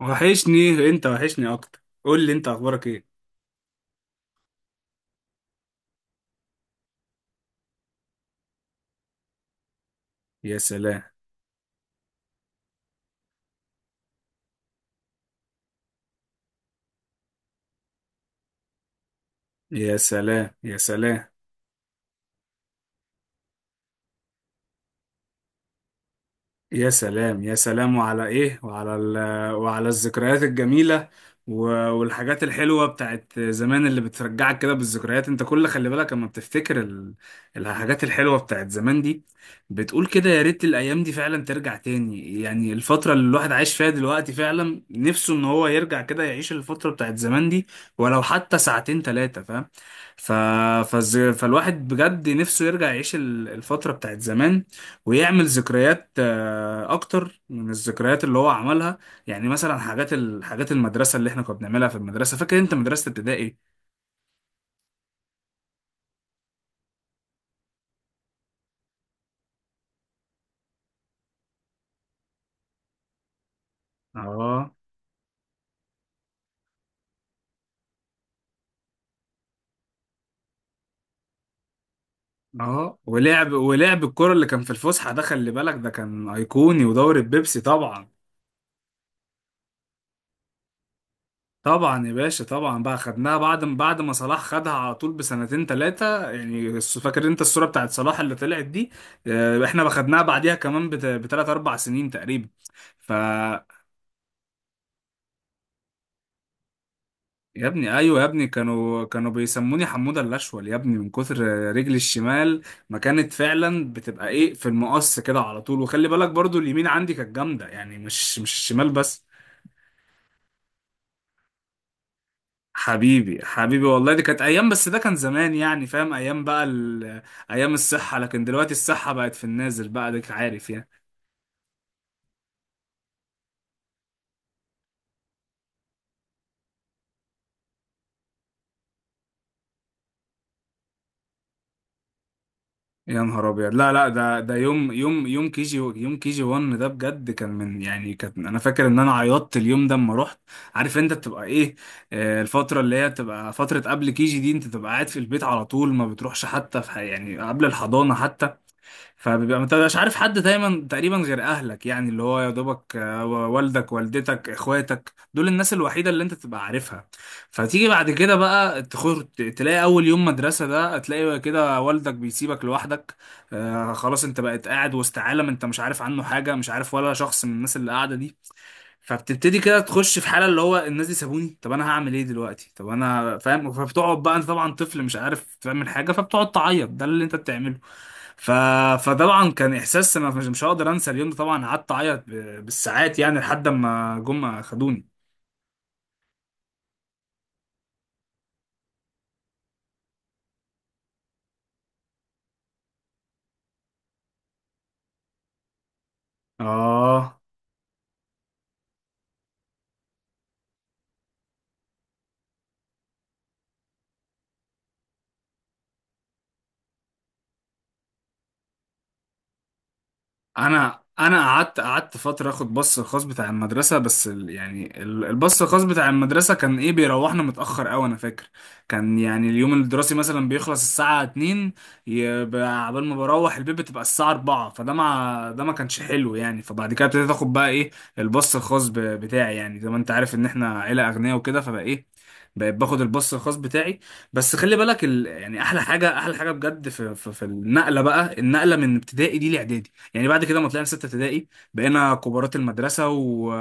وحشني انت وحشني اكتر، قول لي انت اخبارك ايه؟ يا سلام، يا سلام، يا سلام، يا سلام، يا سلام. وعلى ايه؟ وعلى الذكريات الجميلة، والحاجات الحلوة بتاعت زمان اللي بترجعك كده بالذكريات. انت كل... خلي بالك اما بتفتكر الحاجات الحلوة بتاعت زمان دي، بتقول كده: يا ريت الايام دي فعلا ترجع تاني. يعني الفترة اللي الواحد عايش فيها دلوقتي، فعلا نفسه ان هو يرجع كده يعيش الفترة بتاعت زمان دي، ولو حتى ساعتين تلاتة، فاهم؟ ف... فالواحد بجد نفسه يرجع يعيش الفترة بتاعت زمان، ويعمل ذكريات، اكتر من الذكريات اللي هو عملها. يعني مثلا حاجات المدرسه اللي احنا كنا بنعملها في المدرسه، فاكر انت؟ مدرسه ابتدائي. اه، اه. ولعب الكرة اللي كان في الفسحه ده، خلي بالك ده كان ايقوني، ودوري البيبسي طبعا. طبعا يا باشا، طبعا. بقى خدناها بعد ما صلاح خدها على طول بسنتين ثلاثه، يعني فاكر انت الصوره بتاعت صلاح اللي طلعت دي؟ احنا خدناها بعديها كمان بثلاث اربع سنين تقريبا. ف يا ابني، ايوه يا ابني، كانوا بيسموني حموده الاشول يا ابني، من كتر رجلي الشمال. ما كانت فعلا بتبقى ايه، في المقص كده على طول. وخلي بالك برضو اليمين عندي كانت جامده، يعني مش الشمال بس. حبيبي، حبيبي والله دي كانت ايام، بس ده كان زمان، يعني فاهم؟ ايام بقى ايام الصحه، لكن دلوقتي الصحه بقت في النازل بقى، ديك عارف يعني. يا نهار ابيض! لا لا، ده يوم يوم يوم كي جي يوم كي جي 1، ده بجد كان من يعني... كان انا فاكر ان انا عيطت اليوم ده اما رحت. عارف انت بتبقى ايه؟ الفتره اللي هي بتبقى فتره قبل كي جي دي، انت تبقى قاعد في البيت على طول ما بتروحش، حتى في يعني قبل الحضانه حتى. فبيبقى انت مش عارف حد دايما تقريبا غير اهلك، يعني اللي هو يا دوبك، والدك والدتك اخواتك، دول الناس الوحيده اللي انت تبقى عارفها. فتيجي بعد كده بقى تلاقي اول يوم مدرسه ده، تلاقي كده والدك بيسيبك لوحدك. آه، خلاص انت بقيت قاعد وسط عالم انت مش عارف عنه حاجه، مش عارف ولا شخص من الناس اللي قاعده دي. فبتبتدي كده تخش في حاله اللي هو: الناس دي سابوني، طب انا هعمل ايه دلوقتي، طب انا فاهم. فبتقعد بقى انت، طبعا طفل مش عارف تعمل حاجه، فبتقعد تعيط، ده اللي انت بتعمله. ف... فطبعا كان احساس ما مش هقدر انسى اليوم ده. طبعا قعدت اعيط بالساعات، يعني لحد ما جم خدوني. اه. انا قعدت فتره اخد باص الخاص بتاع المدرسه، بس الباص الخاص بتاع المدرسه كان ايه، بيروحنا متاخر قوي. انا فاكر كان يعني اليوم الدراسي مثلا بيخلص الساعه 2، يبقى عبال ما بروح البيت بتبقى الساعه 4، فده مع ده ما كانش حلو يعني. فبعد كده ابتديت اخد بقى ايه، الباص الخاص بتاعي، يعني زي ما انت عارف ان احنا عيله اغنياء وكده، فبقى ايه، بقيت باخد الباص الخاص بتاعي. بس خلي بالك يعني احلى حاجه، احلى حاجه بجد في النقله بقى، النقله من ابتدائي دي لاعدادي. يعني بعد كده ما طلعنا ستة ابتدائي، بقينا كبارات المدرسة،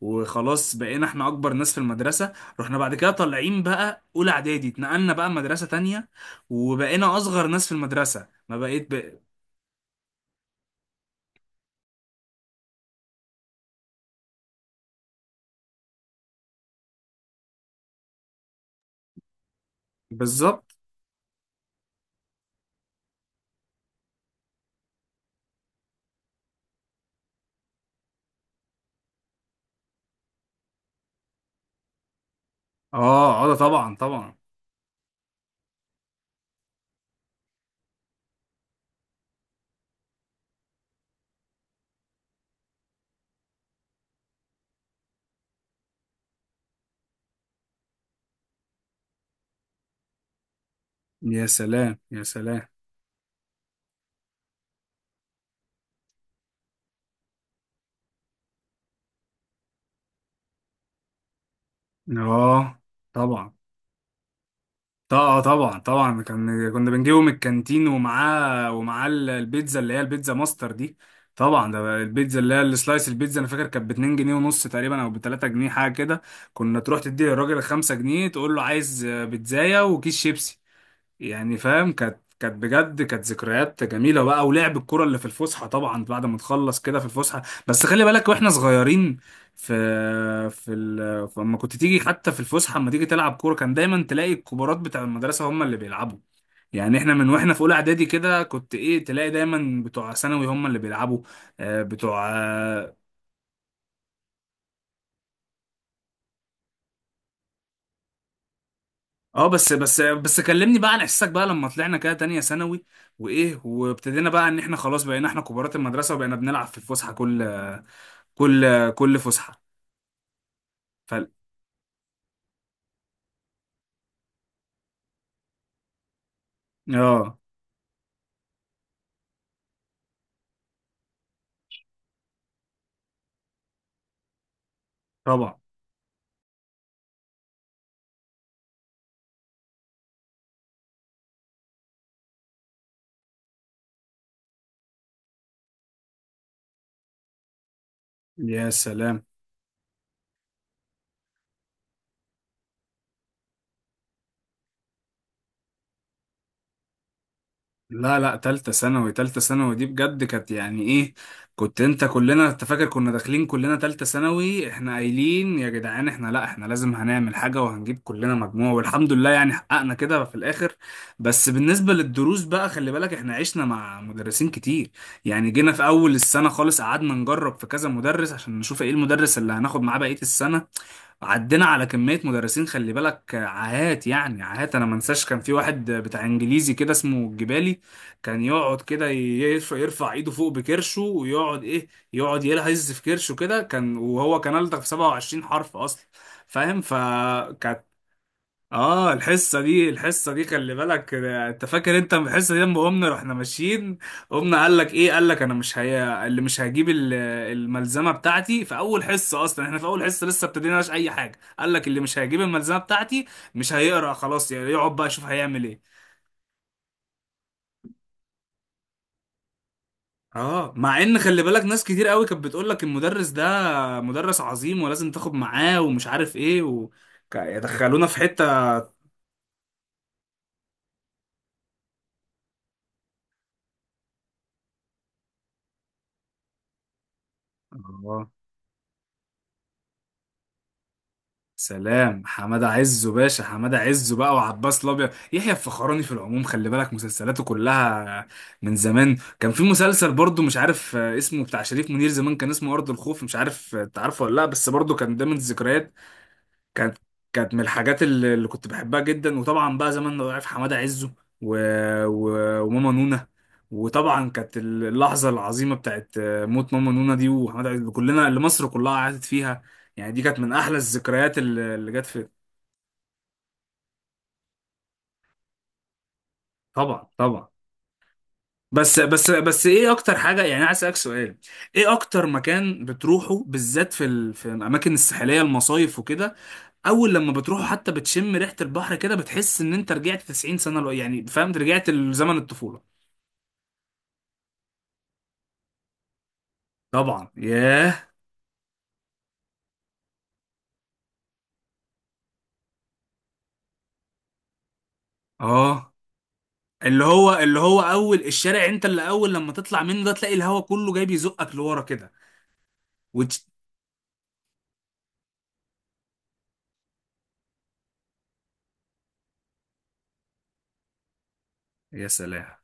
وخلاص بقينا احنا أكبر ناس في المدرسة. رحنا بعد كده طالعين بقى أولى إعدادي، اتنقلنا بقى مدرسة تانية، وبقينا أصغر ناس في المدرسة، ما بقيت بالظبط. اه، اه، ده طبعا، طبعا. يا سلام، يا سلام. اه، طبعا، طبعا، طبعا، طبعا. كان كنا بنجيبه من الكانتين، ومعاه البيتزا، اللي هي البيتزا ماستر دي. طبعا، ده البيتزا اللي هي السلايس. البيتزا انا فاكر كانت ب 2 جنيه ونص تقريبا، او ب 3 جنيه حاجه كده. كنا تروح تدي للراجل 5 جنيه، تقول له عايز بيتزايه وكيس شيبسي، يعني فاهم. كانت، كانت بجد كانت ذكريات جميله بقى. ولعب الكره اللي في الفسحه، طبعا بعد ما نخلص كده في الفسحه. بس خلي بالك واحنا صغيرين، في لما كنت تيجي حتى في الفسحه، لما تيجي تلعب كوره، كان دايما تلاقي الكبارات بتاع المدرسه هم اللي بيلعبوا. يعني احنا من واحنا في اولى اعدادي كده، كنت ايه، تلاقي دايما بتوع ثانوي هم اللي بيلعبوا. بتوع... اه. بس، بس، بس كلمني بقى عن احساسك، بقى لما طلعنا كده تانية ثانوي وايه، وابتدينا بقى ان احنا خلاص بقينا احنا كبارات المدرسة، وبقينا بنلعب في الفسحة، كل فسحة. ف اه، طبعا. يا سلام. لا لا، تالتة ثانوي دي بجد كانت يعني ايه. كنت انت... كلنا انت فاكر كنا داخلين كلنا تالتة ثانوي، احنا قايلين يا جدعان، احنا لا، احنا لازم هنعمل حاجة وهنجيب كلنا مجموع، والحمد لله يعني حققنا كده في الاخر. بس بالنسبة للدروس بقى، خلي بالك احنا عشنا مع مدرسين كتير. يعني جينا في اول السنة خالص قعدنا نجرب في كذا مدرس عشان نشوف ايه المدرس اللي هناخد معاه بقية السنة. عدينا على كمية مدرسين، خلي بالك عاهات، يعني عاهات. انا ما انساش كان في واحد بتاع انجليزي كده اسمه الجبالي، كان يقعد كده يرفع ايده فوق بكرشه، ويقعد ايه، يقعد يلهز في كرشه كده كان، وهو كان ألدغ في 27 حرف اصلا، فاهم؟ فكانت اه الحصه دي، الحصه دي خلي بالك، انت فاكر انت الحصه دي لما قمنا رحنا ماشيين؟ قمنا قال لك ايه، قال لك انا مش هي اللي مش هجيب الملزمه بتاعتي في اول حصه، اصلا احنا في اول حصه لسه ابتديناش اي حاجه، قال لك اللي مش هيجيب الملزمه بتاعتي مش هيقرا، خلاص يعني، يقعد بقى يشوف هيعمل ايه. اه، مع ان خلي بالك ناس كتير قوي كانت بتقول لك المدرس ده مدرس عظيم ولازم تاخد معاه، ومش عارف ايه يدخلونا في حتة. اه، سلام حمادة عزه باشا، حمادة عزه بقى، وعباس الابيض، يحيى الفخراني في العموم، خلي بالك مسلسلاته كلها من زمان. كان في مسلسل برضو مش عارف اسمه، بتاع شريف منير زمان، كان اسمه ارض الخوف. مش عارف انت عارفه ولا لا، بس برضو كان ده من الذكريات. كانت، كانت من الحاجات اللي كنت بحبها جدا، وطبعا بقى زمان لو عارف حماده عزه و... وماما نونا، وطبعا كانت اللحظه العظيمه بتاعت موت ماما نونا دي وحماده عزه، اللي كلنا، اللي مصر كلها قعدت فيها، يعني دي كانت من احلى الذكريات اللي جت في... طبعا، طبعا. بس، بس، بس ايه اكتر حاجه، يعني أنا عايز اسالك سؤال: ايه اكتر مكان بتروحه، بالذات في الاماكن الساحليه، المصايف وكده، اول لما بتروحوا حتى بتشم ريحه البحر كده، بتحس ان انت رجعت 90 سنه، لو يعني فهمت، رجعت لزمن الطفوله. طبعا، ياه. اه، اللي هو اول الشارع انت اللي اول لما تطلع منه ده، تلاقي الهوا كله جاي بيزقك لورا كده. وتش... يا سلام،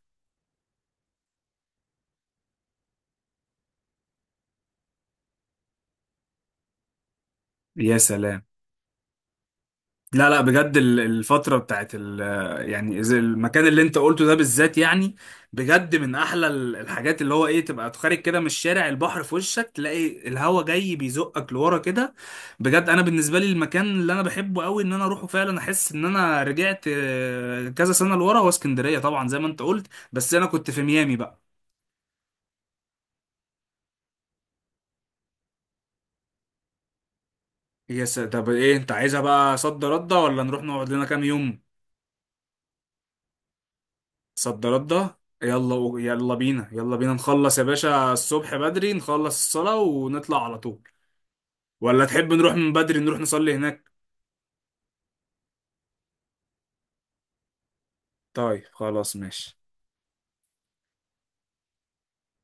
يا سلام. لا لا، بجد الفترة بتاعت ال... يعني زي المكان اللي انت قلته ده بالذات، يعني بجد من احلى الحاجات، اللي هو ايه، تبقى خارج كده من الشارع، البحر في وشك، تلاقي الهوا جاي بيزقك لورا كده. بجد انا بالنسبة لي المكان اللي انا بحبه قوي ان انا اروحه، فعلا احس ان انا رجعت كذا سنة لورا، هو اسكندرية طبعا زي ما انت قلت. بس انا كنت في ميامي بقى. طب ايه انت عايزها بقى، صد رد ولا نروح نقعد لنا كام يوم؟ صد رده. يلا يلا بينا، يلا بينا نخلص يا باشا، الصبح بدري نخلص الصلاة ونطلع على طول، ولا تحب نروح من بدري نروح نصلي هناك؟ طيب خلاص، ماشي.